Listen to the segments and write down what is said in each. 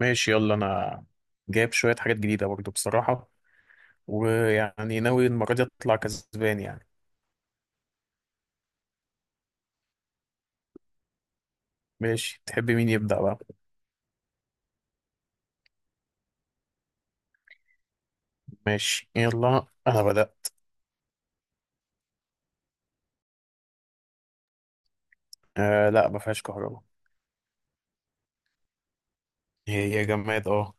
ماشي، يلا انا جايب شوية حاجات جديدة برضو بصراحة، ويعني ناوي المرة دي اطلع كسبان يعني. ماشي، تحب مين يبدأ بقى؟ ماشي، يلا انا بدأت. آه لا، ما فيهاش كهرباء. هي جماد، اه.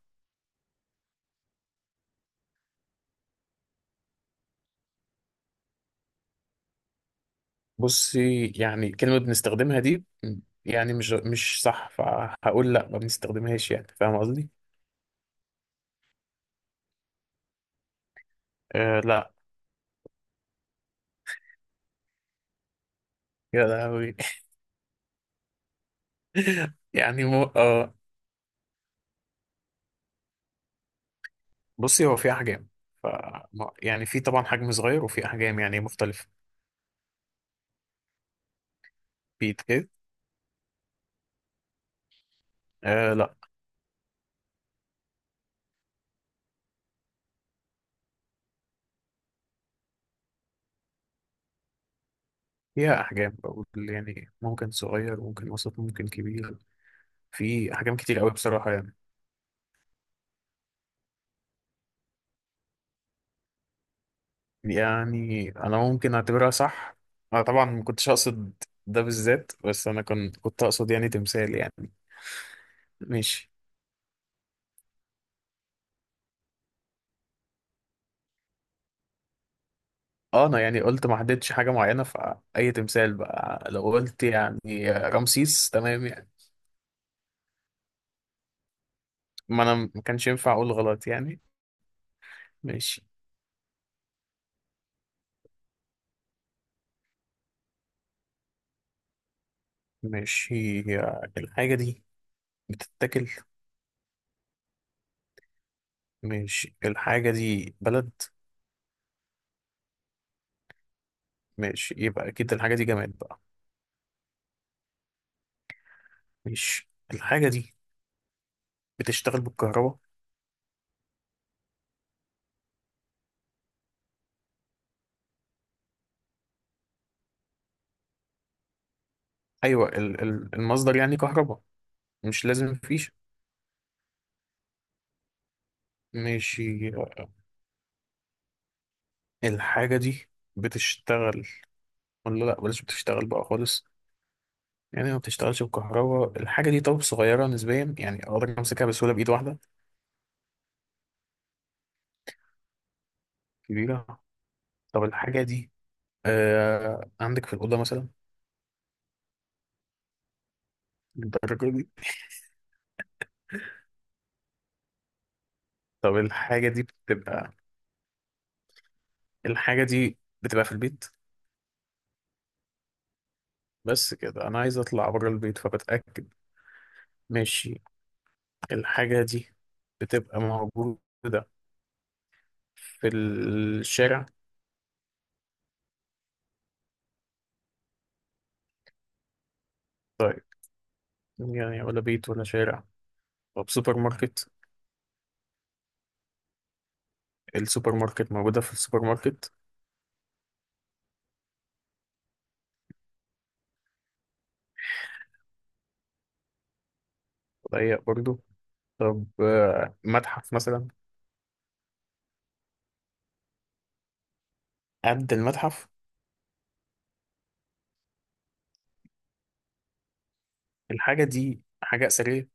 بصي، يعني كلمة بنستخدمها دي يعني مش صح، فهقول لا ما بنستخدمهاش، يعني فاهم قصدي؟ آه لا. يا لهوي. يعني مو. بصي، هو في احجام، ف يعني في طبعا حجم صغير وفي احجام يعني مختلفة. في ايه؟ آه لا. فيها أحجام، بقول يعني ممكن صغير ممكن وسط ممكن كبير. في أحجام كتير قوي بصراحة يعني. يعني أنا ممكن أعتبرها صح. أنا طبعا ما كنتش أقصد ده بالذات، بس أنا كنت أقصد يعني تمثال يعني. ماشي. أه، أنا يعني قلت ما حددتش حاجة معينة، فأي تمثال بقى لو قلت يعني رمسيس تمام يعني. ما أنا ما كانش ينفع أقول غلط يعني. ماشي. ماشي. هي الحاجة دي بتتاكل؟ ماشي، الحاجة دي بلد؟ ماشي، يبقى اكيد الحاجه دي جماد بقى. ماشي، الحاجه دي بتشتغل بالكهرباء؟ ايوه، المصدر يعني كهرباء. مش لازم فيش؟ ماشي. الحاجه دي بتشتغل ولا لا؟ بلاش بتشتغل بقى خالص. يعني ما بتشتغلش بالكهرباء الحاجه دي. طب صغيره نسبيا، يعني اقدر امسكها بسهوله بايد واحده؟ كبيره. طب الحاجه دي عندك في الاوضه مثلا؟ الدرجه دي؟ طب الحاجه دي بتبقى في البيت؟ بس كده انا عايز اطلع بره البيت، فبتاكد. ماشي، الحاجة دي بتبقى موجودة في الشارع؟ طيب، يعني ولا بيت ولا شارع؟ طب سوبر ماركت؟ السوبر ماركت موجودة في السوبر ماركت؟ ضيق برضو. طب، متحف مثلا؟ قد المتحف؟ الحاجة دي حاجة أثرية؟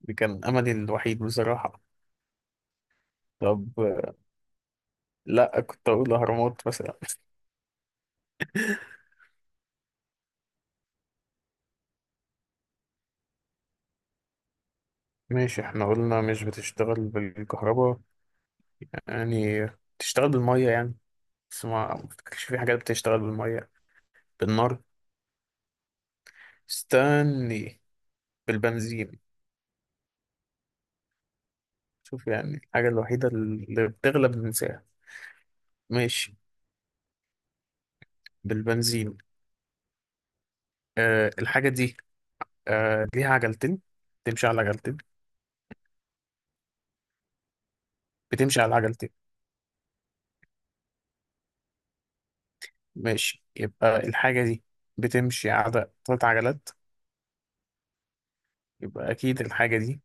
دي كان أملي الوحيد بصراحة. طب، لأ كنت أقول أهرامات مثلا. ماشي، احنا قلنا مش بتشتغل بالكهرباء. يعني بتشتغل بالمية يعني؟ بس ما افتكرش في حاجات بتشتغل بالمية. بالنار؟ استني. بالبنزين؟ شوف يعني الحاجة الوحيدة اللي بتغلب بنساها. ماشي. بالبنزين. الحاجة دي ليها عجلتين؟ بتمشي على عجلتين؟ بتمشي على عجلتين. ماشي، يبقى الحاجة دي بتمشي على ثلاث عجلات؟ يبقى أكيد الحاجة دي.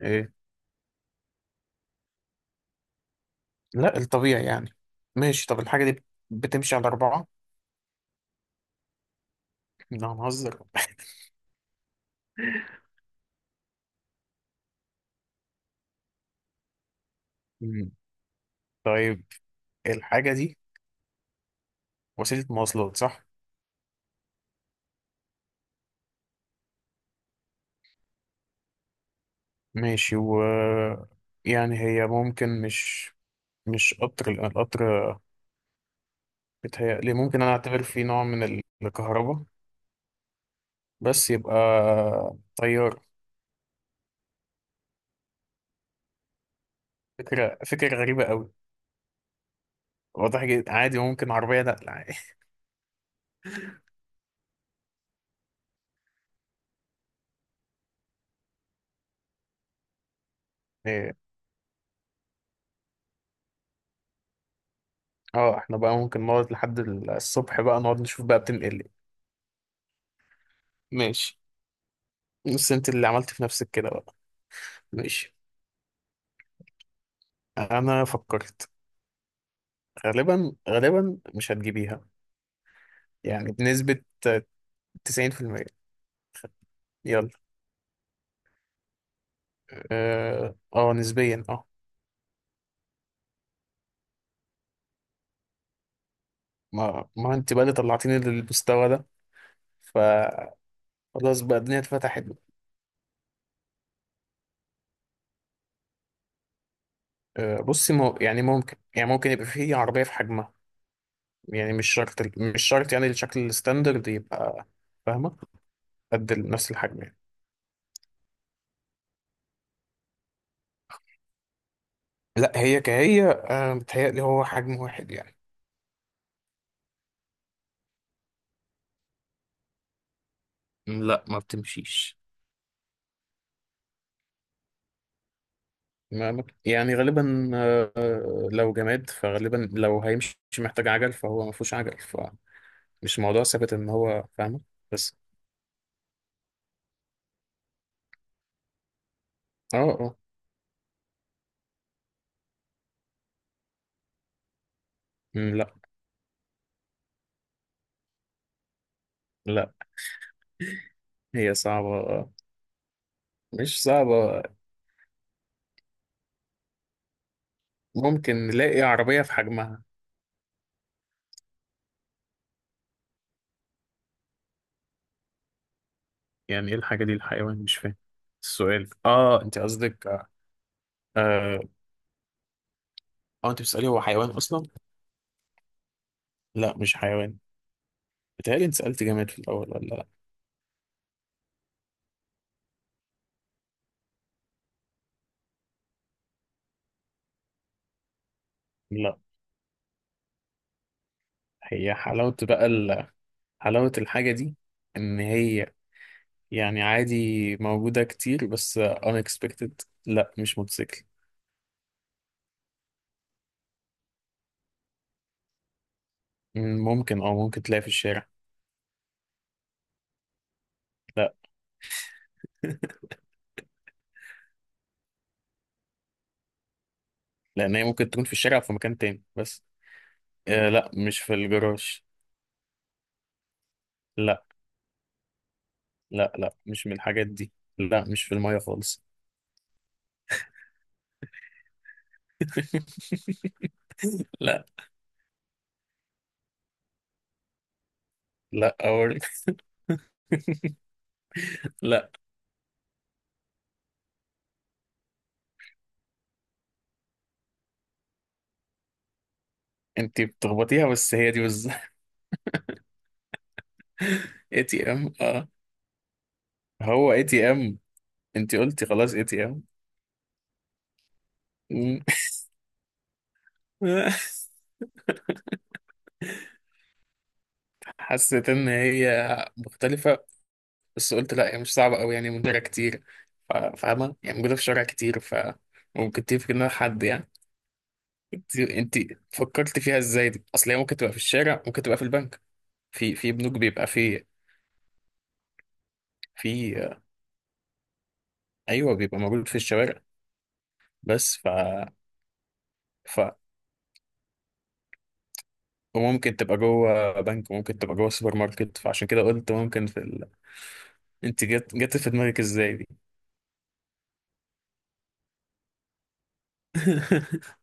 آه لا، الطبيعي يعني. ماشي، طب الحاجة دي بتمشي على أربعة؟ لا، هنهزر؟ مم. طيب، الحاجة دي وسيلة مواصلات صح؟ ماشي. يعني هي ممكن، مش قطر لأن القطر بيتهيألي ممكن أنا أعتبر فيه نوع من الكهرباء، بس يبقى طيار. فكرة غريبة أوي. واضح جدا عادي، ممكن عربية نقل عادي. إيه. اه، احنا بقى ممكن نقعد لحد الصبح بقى نقعد نشوف بقى بتنقل إيه. ماشي. بس انت اللي عملت في نفسك كده بقى. ماشي. انا فكرت، غالبا غالبا مش هتجيبيها، يعني بنسبة 90%. يلا. اه، نسبيا، اه. ما انت بقى اللي طلعتيني للمستوى ده، فخلاص بقى الدنيا اتفتحت. بصي مو، يعني ممكن، يعني ممكن يبقى فيه عربية في حجمها. يعني مش شرط يعني الشكل الستاندرد يبقى، فاهمة؟ قد نفس الحجم يعني. لا هي كهي، متهيألي هو حجم واحد يعني. لا، ما بتمشيش. يعني غالبا، لو جماد فغالبا لو هيمشي محتاج عجل، فهو ما فيهوش عجل، فمش موضوع ثابت ان هو، فاهمة؟ بس. اه، اه. مم، لا. لا. هي صعبة. مش صعبة. ممكن نلاقي عربية في حجمها. يعني ايه الحاجة دي الحيوان، مش فاهم السؤال، انت قصدك؟ اه اه انت بتسألي هو حيوان اصلا؟ لا، مش حيوان. بتهيألي انت سألت جماد في الاول ولا لا؟ لا. هي حلاوة بقى حلاوة الحاجة دي ان هي يعني عادي، موجودة كتير بس unexpected. لا، مش موتوسيكل. ممكن، ممكن تلاقي في الشارع. لا. لان هي ممكن تكون في الشارع أو في مكان تاني بس. آه لا، مش في الجراج. لا. لا، لا، مش من الحاجات دي. لا، مش في المية خالص. لا. لا أوري. لا. انت بتخبطيها، بس هي دي بس. اي تي ام، اه. هو اي تي ام؟ انت قلتي خلاص اي تي ام. حسيت ان هي مختلفة، بس قلت لا هي مش صعبة قوي يعني موجودة كتير. فاهمة؟ يعني موجودة في شارع كتير، فممكن تفكر انها حد يعني. انت فكرت فيها ازاي دي؟ اصل هي ممكن تبقى في الشارع، ممكن تبقى في البنك. في بنوك بيبقى في. في. ايوه، بيبقى موجود في الشوارع. بس، ف ف وممكن تبقى جوه بنك وممكن تبقى جوه سوبر ماركت، فعشان كده قلت ممكن في ال... انت جت في دماغك ازاي دي؟